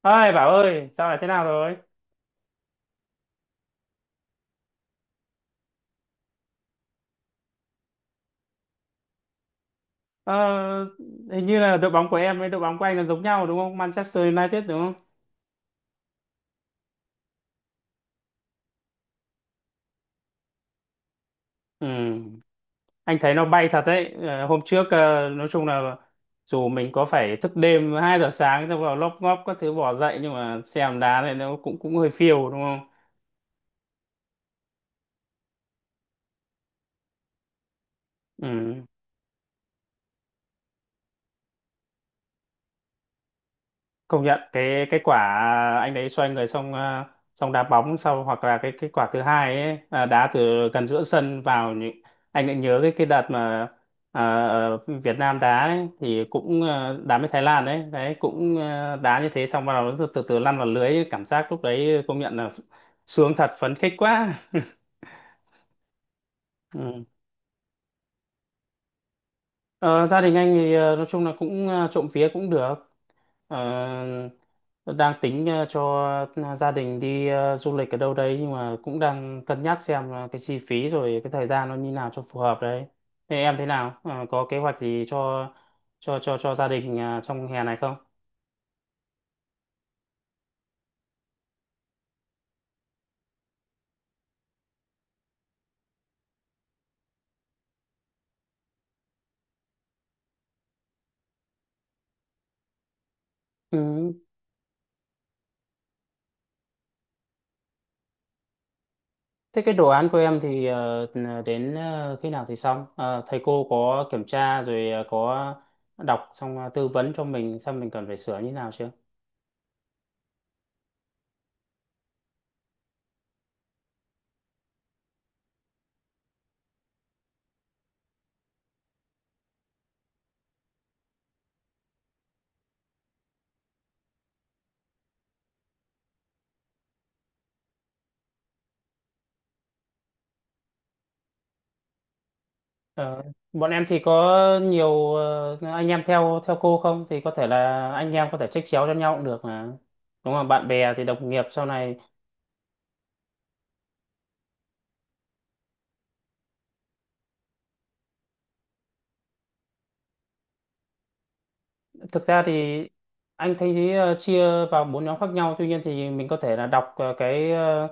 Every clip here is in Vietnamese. Ơi Bảo ơi, sao lại thế nào rồi? ờ, Hình như là đội bóng của em với đội bóng của anh là giống nhau, đúng không? Manchester United đúng không? Ừ. Anh thấy nó bay thật đấy. Ờ, Hôm trước nói chung là dù mình có phải thức đêm 2 giờ sáng xong vào lóp ngóp các thứ bỏ dậy, nhưng mà xem đá này nó cũng cũng hơi phiêu, đúng không? Ừ. Công nhận cái quả anh đấy xoay người xong xong đá bóng sau, hoặc là cái quả thứ hai ấy, đá từ gần giữa sân vào, những anh lại nhớ cái đợt mà ờ, ờ, Việt Nam đá ấy, thì cũng đá với Thái Lan đấy, đấy cũng đá như thế, xong bắt đầu nó từ từ lăn vào lưới ấy. Cảm giác lúc đấy công nhận là sướng thật, phấn khích quá. Ừ. Ờ, Gia đình anh thì nói chung là cũng trộm vía cũng được. Ờ, tôi đang tính cho gia đình đi du lịch ở đâu đấy, nhưng mà cũng đang cân nhắc xem là cái chi phí rồi cái thời gian nó như nào cho phù hợp đấy. Thế em thế nào? Ờ, có kế hoạch gì cho gia đình trong hè này không? Ừ. Thế cái đồ án của em thì đến khi nào thì xong? Ờ, Thầy cô có kiểm tra rồi có đọc xong tư vấn cho mình xem mình cần phải sửa như nào chưa? Ờ, Bọn em thì có nhiều anh em theo theo cô không thì có thể là anh em có thể trách chéo cho nhau cũng được mà, đúng không? Bạn bè thì đồng nghiệp sau này, thực ra thì anh thấy ý, chia vào bốn nhóm khác nhau, tuy nhiên thì mình có thể là đọc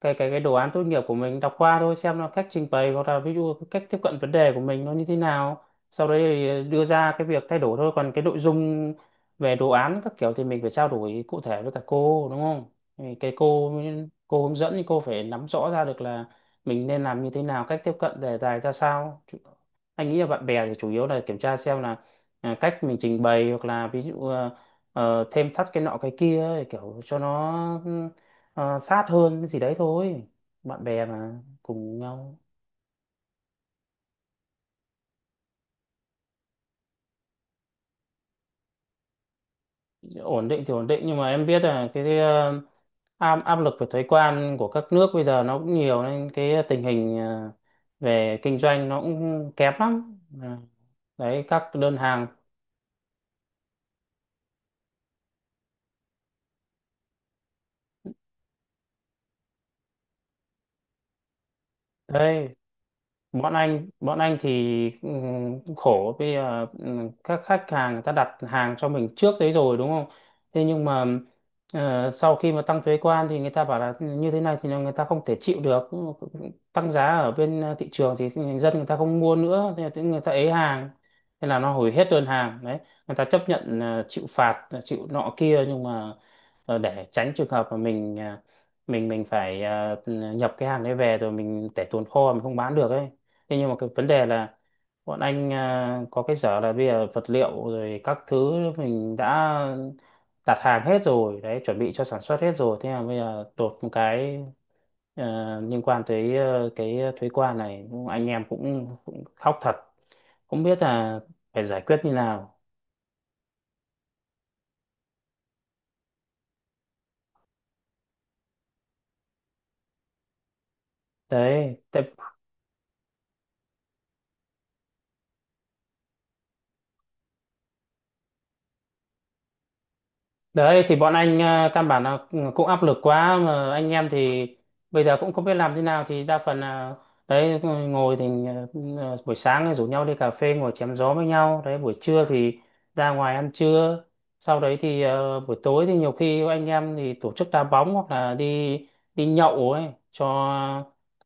cái đồ án tốt nghiệp của mình, đọc qua thôi xem là cách trình bày hoặc là ví dụ cách tiếp cận vấn đề của mình nó như thế nào, sau đấy thì đưa ra cái việc thay đổi thôi, còn cái nội dung về đồ án các kiểu thì mình phải trao đổi cụ thể với cả cô, đúng không? Thì cái cô hướng dẫn thì cô phải nắm rõ ra được là mình nên làm như thế nào, cách tiếp cận đề tài ra sao. Anh nghĩ là bạn bè thì chủ yếu là kiểm tra xem là, à, cách mình trình bày hoặc là ví dụ thêm thắt cái nọ cái kia ấy, kiểu cho nó sát hơn cái gì đấy thôi, bạn bè mà cùng nhau. Ổn định thì ổn định, nhưng mà em biết là cái ờ, áp áp lực về thuế quan của các nước bây giờ nó cũng nhiều, nên cái tình hình về kinh doanh nó cũng kém lắm. À, đấy các đơn hàng đây. Bọn anh thì ừ, cũng khổ bây giờ. Ừ, các khách hàng người ta đặt hàng cho mình trước đấy rồi, đúng không? Thế nhưng mà sau khi mà tăng thuế quan thì người ta bảo là ừ, như thế này thì là người ta không thể chịu được. Ừ, tăng giá ở bên thị trường thì dân người ta không mua nữa, thế là tự người ta ế hàng, thế là nó hủy hết đơn hàng đấy. Người ta chấp nhận chịu phạt, chịu nọ kia, nhưng mà để tránh trường hợp mà mình mình phải nhập cái hàng đấy về rồi mình để tồn kho mình không bán được ấy. Thế nhưng mà cái vấn đề là bọn anh à, có cái dở là bây giờ vật liệu rồi các thứ mình đã đặt hàng hết rồi đấy, chuẩn bị cho sản xuất hết rồi, thế mà bây giờ đột một cái liên quan tới cái thuế quan này, anh em cũng khóc thật, không biết là phải giải quyết như nào. Đấy tại. Đấy thì bọn anh căn bản là cũng áp lực quá, mà anh em thì bây giờ cũng không biết làm thế nào, thì đa phần là đấy ngồi thì buổi sáng thì rủ nhau đi cà phê ngồi chém gió với nhau đấy, buổi trưa thì ra ngoài ăn trưa, sau đấy thì buổi tối thì nhiều khi anh em thì tổ chức đá bóng hoặc là đi đi nhậu ấy, cho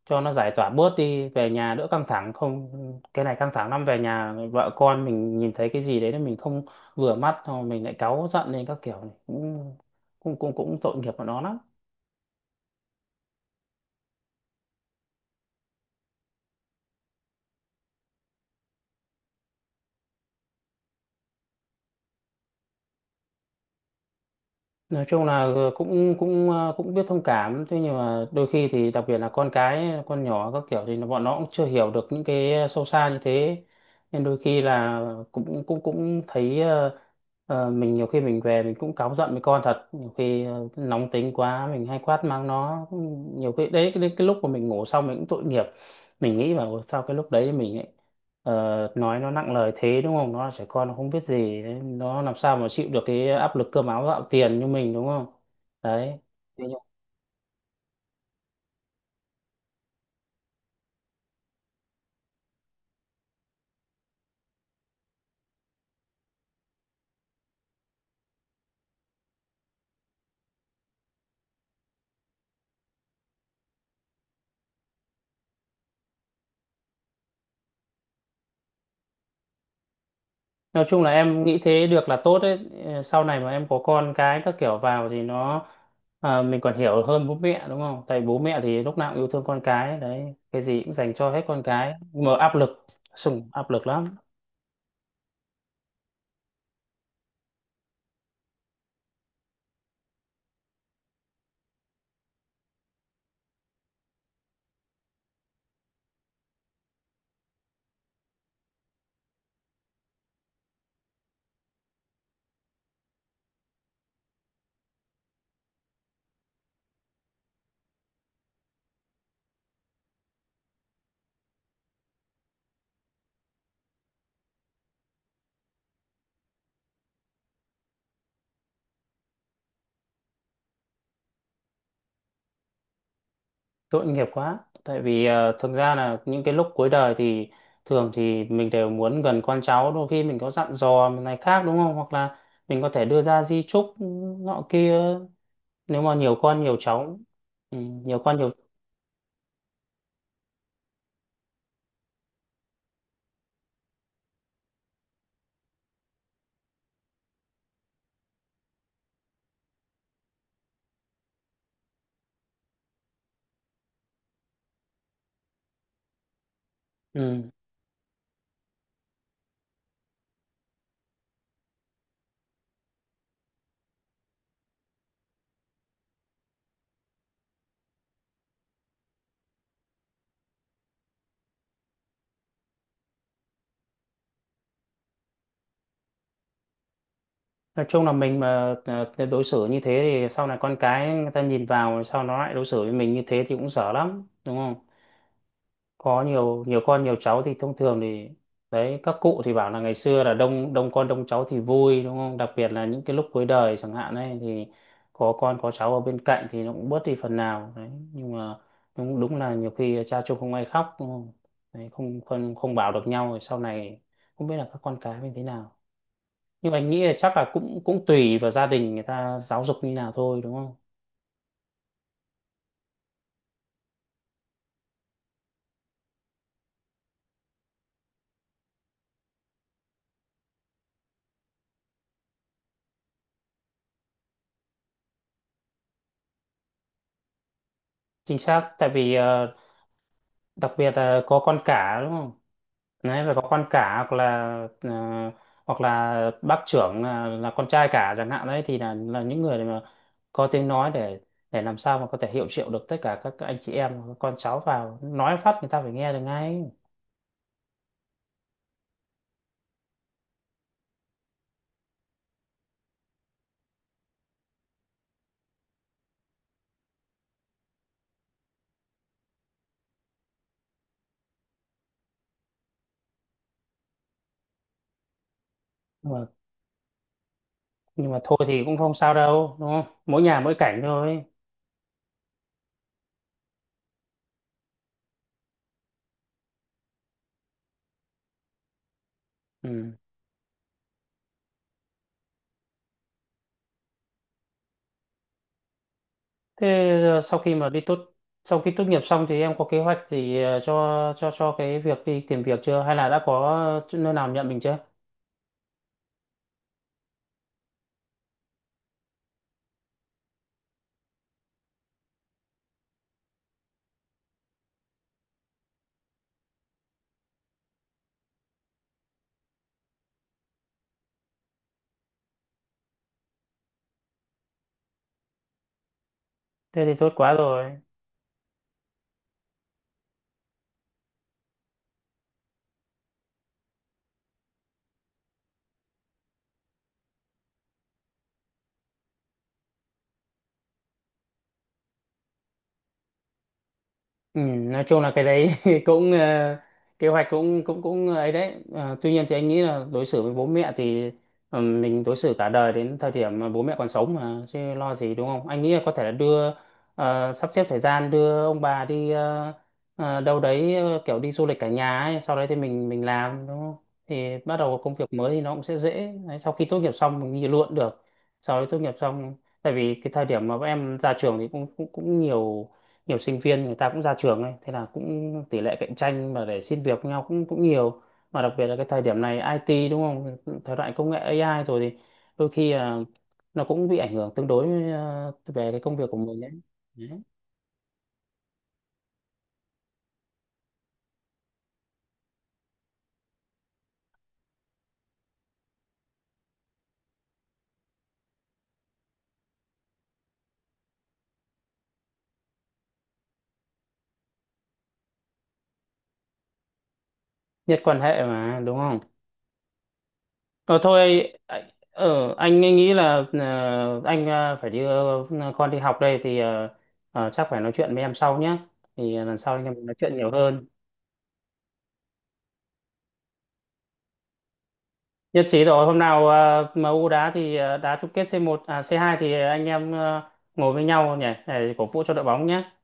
cho nó giải tỏa bớt đi, về nhà đỡ căng thẳng không, cái này căng thẳng lắm, về nhà vợ con mình nhìn thấy cái gì đấy là mình không vừa mắt thôi mình lại cáu giận lên các kiểu, này cũng cũng tội nghiệp của nó lắm. Nói chung là cũng cũng cũng biết thông cảm, thế nhưng mà đôi khi thì đặc biệt là con cái con nhỏ các kiểu thì bọn nó cũng chưa hiểu được những cái sâu xa như thế, nên đôi khi là cũng cũng cũng thấy mình nhiều khi mình về mình cũng cáu giận với con thật, nhiều khi nóng tính quá mình hay quát mắng nó, nhiều khi đấy cái lúc mà mình ngủ xong mình cũng tội nghiệp, mình nghĩ vào sao cái lúc đấy mình lại Ờ, nói nó nặng lời thế, đúng không? Nó là trẻ con nó không biết gì đấy. Nó làm sao mà chịu được cái áp lực cơm áo gạo tiền như mình, đúng không? Đấy. Thế nhưng- nói chung là em nghĩ thế được là tốt đấy. Sau này mà em có con cái các kiểu vào thì nó, à, mình còn hiểu hơn bố mẹ, đúng không? Tại bố mẹ thì lúc nào cũng yêu thương con cái đấy, cái gì cũng dành cho hết con cái, mà áp lực, sùng áp lực lắm. Tội nghiệp quá, tại vì thực ra là những cái lúc cuối đời thì thường thì mình đều muốn gần con cháu, đôi khi mình có dặn dò này khác, đúng không? Hoặc là mình có thể đưa ra di chúc nọ kia nếu mà nhiều con nhiều cháu. Ừ, nhiều con nhiều, ừ. Nói chung là mình mà đối xử như thế thì sau này con cái người ta nhìn vào sau nó lại đối xử với mình như thế thì cũng dở lắm, đúng không? Có nhiều nhiều con nhiều cháu thì thông thường thì đấy các cụ thì bảo là ngày xưa là đông đông con đông cháu thì vui, đúng không? Đặc biệt là những cái lúc cuối đời chẳng hạn ấy, thì có con có cháu ở bên cạnh thì nó cũng bớt đi phần nào đấy, nhưng mà đúng đúng là nhiều khi cha chung không ai khóc, đúng không? Đấy, không không không bảo được nhau, rồi sau này không biết là các con cái như thế nào. Nhưng mà anh nghĩ là chắc là cũng cũng tùy vào gia đình người ta giáo dục như nào thôi, đúng không? Chính xác, tại vì đặc biệt là có con cả, đúng không? Đấy phải có con cả, hoặc là ờ, hoặc là bác trưởng là con trai cả chẳng hạn đấy, thì là những người mà có tiếng nói để làm sao mà có thể hiệu triệu được tất cả các anh chị em các con cháu vào, nói phát người ta phải nghe được ngay. Nhưng mà nhưng mà thôi thì cũng không sao đâu, đúng không? Mỗi nhà mỗi cảnh thôi. Ừ. Thế giờ sau khi mà đi tốt, sau khi tốt nghiệp xong thì em có kế hoạch gì cho cho cái việc đi tìm việc chưa, hay là đã có chỗ- nơi nào nhận mình chưa? Thế thì tốt quá rồi. Ừ, nói chung là cái đấy cũng kế hoạch cũng cũng cũng ấy đấy. Ờ, tuy nhiên thì anh nghĩ là đối xử với bố mẹ thì mình đối xử cả đời đến thời điểm mà bố mẹ còn sống mà, chứ lo gì, đúng không? Anh nghĩ là có thể là đưa sắp xếp thời gian đưa ông bà đi đâu đấy, kiểu đi du lịch cả nhà ấy, sau đấy thì mình làm, đúng không? Thì bắt đầu công việc mới thì nó cũng sẽ dễ đấy, sau khi tốt nghiệp xong mình đi luôn cũng được, sau đấy tốt nghiệp xong. Tại vì cái thời điểm mà bọn em ra trường thì cũng cũng cũng nhiều, nhiều sinh viên người ta cũng ra trường ấy, thế là cũng tỷ lệ cạnh tranh mà để xin việc với nhau cũng cũng nhiều, mà đặc biệt là cái thời điểm này IT đúng không, thời đại công nghệ AI rồi, thì đôi khi là nó cũng bị ảnh hưởng tương đối về cái công việc của mình ấy. Đấy. Nhất quan hệ mà, đúng không? Ờ, Thôi anh- anh nghĩ là anh phải đi, con đi học đây, thì chắc phải nói chuyện với em sau nhé, thì lần sau anh em mình nói chuyện nhiều hơn. Nhất trí rồi, hôm nào em u đá thì đá chung kết C1 à C2 thì anh em ngồi với nhau nhỉ, để cổ vũ cho đội bóng nhé.